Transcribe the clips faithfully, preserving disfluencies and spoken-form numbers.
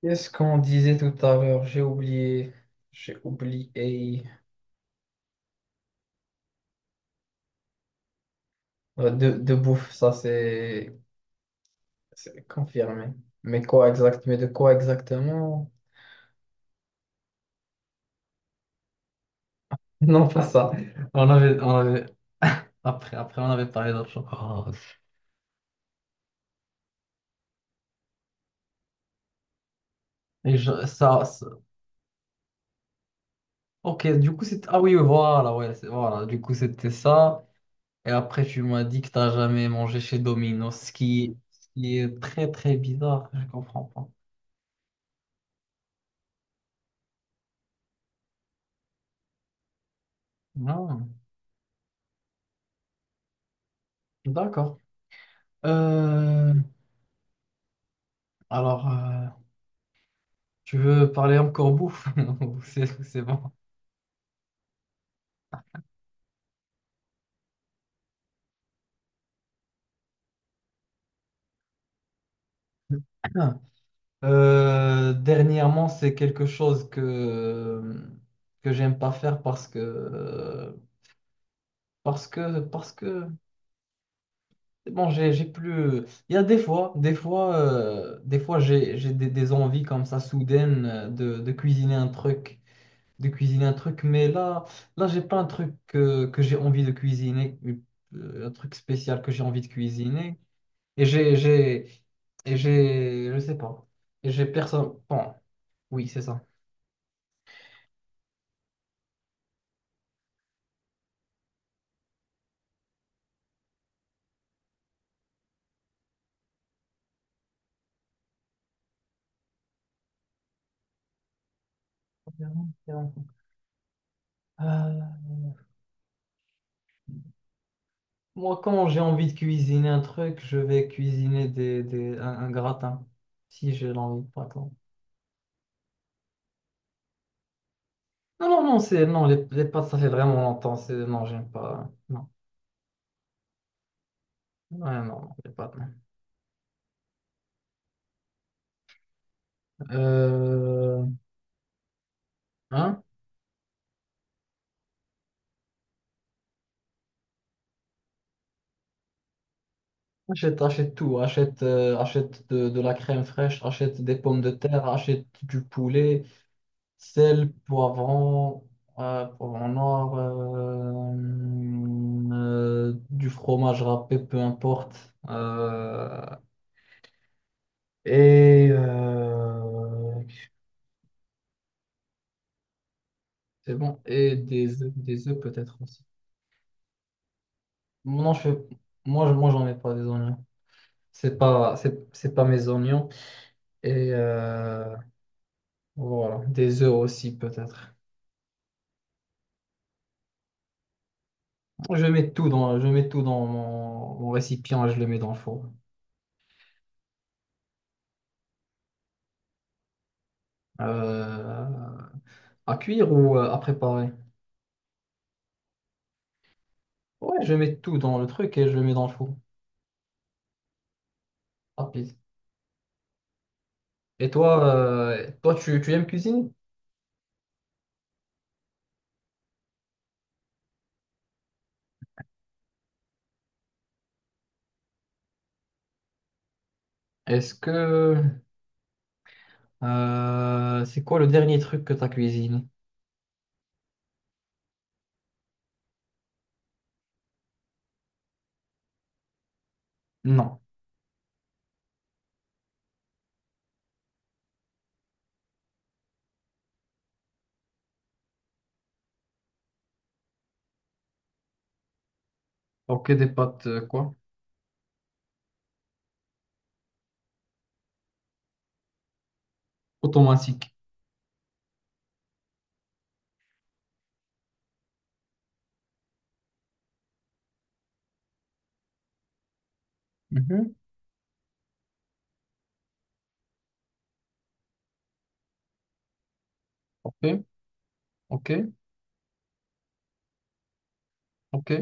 Qu'est-ce qu'on disait tout à l'heure? J'ai oublié. J'ai oublié. Euh, De, de bouffe, ça c'est c'est confirmé. Mais quoi exact? Mais de quoi exactement? Non, pas ça. On avait, on avait, après, après, on avait parlé d'autre chose. Oh, et je- ça, ça- ok, du coup, c'était. Ah oui, oui, voilà, ouais, c'est- voilà. Du coup, c'était ça. Et après, tu m'as dit que t'as jamais mangé chez Domino's, ce qui, ce qui est très, très bizarre. Je comprends pas. Non, d'accord. Euh, Alors, euh, tu veux parler encore bouffe? Ou C'est c'est bon. Euh, dernièrement, c'est quelque chose que que j'aime pas faire parce que parce que parce que bon, j'ai j'ai plus. Il y a des fois, des fois, euh, des fois, j'ai j'ai des, des envies comme ça soudaines euh, de, de cuisiner un truc, de cuisiner un truc. Mais là, là, j'ai pas un truc que que j'ai envie de cuisiner, euh, un truc spécial que j'ai envie de cuisiner. Et j'ai, j'ai, et j'ai, je sais pas. Et j'ai personne. Bon, oui, c'est ça. Euh, Moi, quand j'ai envie de cuisiner un truc, je vais cuisiner des, des, un, un gratin. Si j'ai l'envie, par exemple. Non, non, non, c'est, non, les, les pâtes, ça fait vraiment longtemps. C'est, non, j'aime pas. Non, ouais, non, non, les pâtes. Non. Euh, hein? Achète, achète tout. Achète, euh, achète de, de la crème fraîche, achète des pommes de terre, achète du poulet, sel, poivron, euh, poivron noir, euh, euh, du fromage râpé, peu importe. Euh, et euh, c'est bon. Et des œufs, des œufs peut-être aussi. Non, je fais- moi, je- Moi, j'en mets pas des oignons. C'est pas, c'est, c'est pas mes oignons. Et euh, voilà, des œufs aussi peut-être. Je mets tout dans, je mets tout dans mon, mon récipient et je le mets dans le four. Euh, À cuire ou euh, à préparer? Ouais, je mets tout dans le truc et je le mets dans le four. Rapide. Et toi, euh, toi tu, tu aimes cuisiner? Est-ce que euh, C'est quoi le dernier truc que tu as cuisiné? Non. Ok, des pâtes euh, quoi? Automatiques. Mhm. Ok, ok, ok,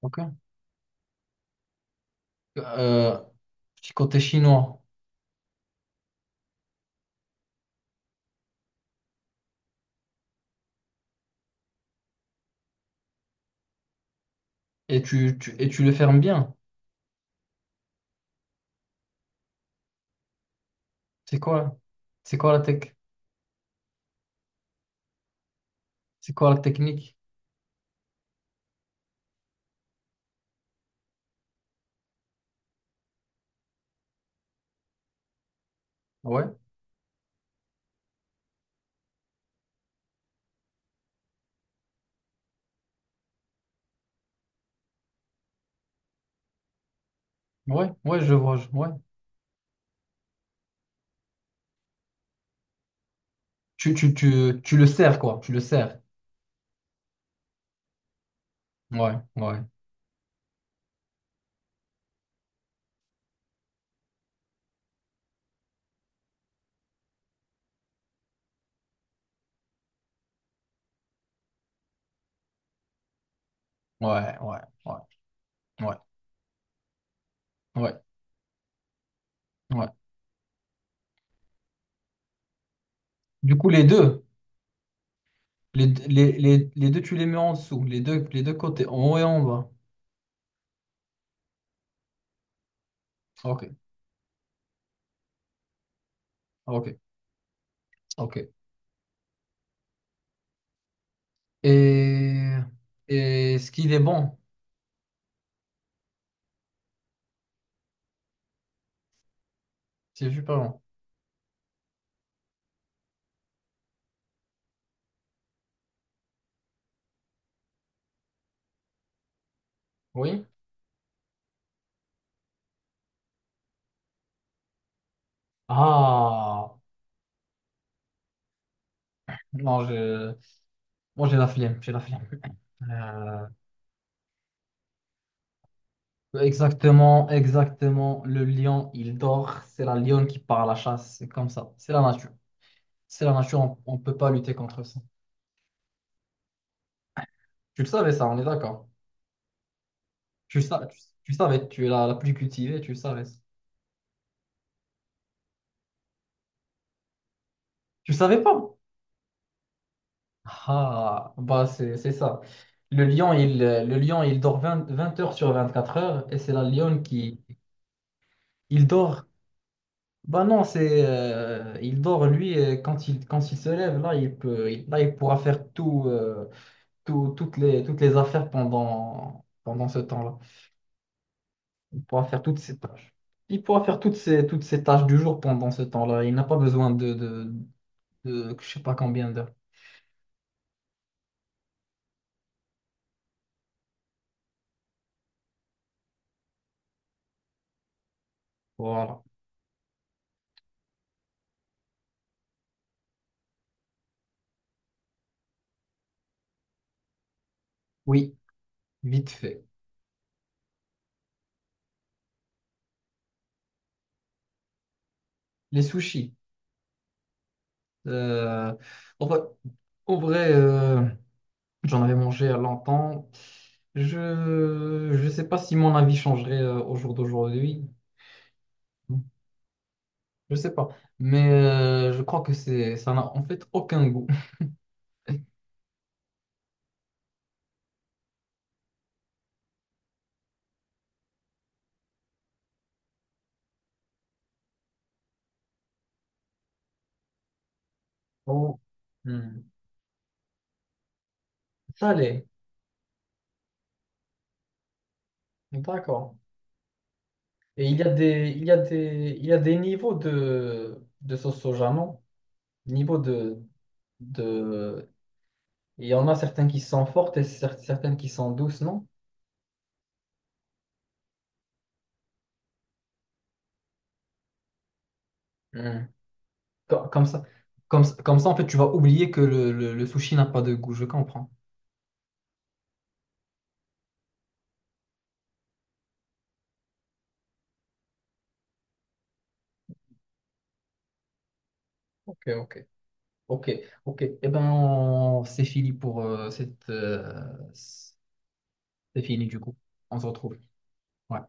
ok. Euh, Petit côté chinois. Et tu, tu- et tu le fermes bien. C'est quoi? C'est quoi la tech? C'est quoi la technique? Ouais, ouais, ouais, je vois. Je- ouais. Tu, tu, tu, tu le sers quoi? Tu le sers. Ouais, ouais, ouais, ouais, ouais, ouais, ouais, ouais. Du coup, les deux, les, les, les, les deux, tu les mets en dessous, les deux, les deux côtés, en haut et en bas. Ok, ok, ok. Et, et Est-ce qu'il est bon? C'est super bon. Oui? Ah, non, je, moi j'ai la flemme, j'ai la flemme. Euh, Exactement, exactement. Le lion, il dort. C'est la lionne qui part à la chasse. C'est comme ça. C'est la nature. C'est la nature, on ne peut pas lutter contre ça. Tu le savais, ça, on est d'accord. Tu, sa- tu, tu savais, tu es la, la plus cultivée, tu savais. Tu savais pas? Ah, bah c'est c'est ça. Le lion, il, euh, le lion, il dort vingt vingt heures sur vingt-quatre heures et c'est la lionne qui... Il dort... Bah non, c'est... euh, il dort, lui, et quand il, quand il se lève, là, il peut, il- là, il pourra faire tout, euh, tout- toutes les, toutes les affaires pendant, pendant ce temps-là. Il pourra faire toutes ses tâches. Il pourra faire toutes ses, toutes ses tâches du jour pendant ce temps-là. Il n'a pas besoin de, de, de, je sais pas combien d'heures. Voilà. Oui, vite fait. Les sushis. Euh, en vrai, En vrai, euh, j'en avais mangé à longtemps. Je je sais pas si mon avis changerait euh, au jour d'aujourd'hui. Je sais pas. Mais euh, je crois que c'est ça n'a en fait aucun goût. Oh. Hmm. Ça. D'accord. Et il y a des il y a des il y a des niveaux de de sauce soja, non? Niveau de de. Il y en a certaines qui sont fortes et cer- certaines qui sont douces, non? Hmm. Co- Comme ça, comme, comme ça, en fait, tu vas oublier que le, le- le sushi n'a pas de goût. Je comprends. Ok, ok, ok, ok. Eh ben, on- c'est fini pour euh, cette. Euh, c'est Fini du coup. On se retrouve. Ouais.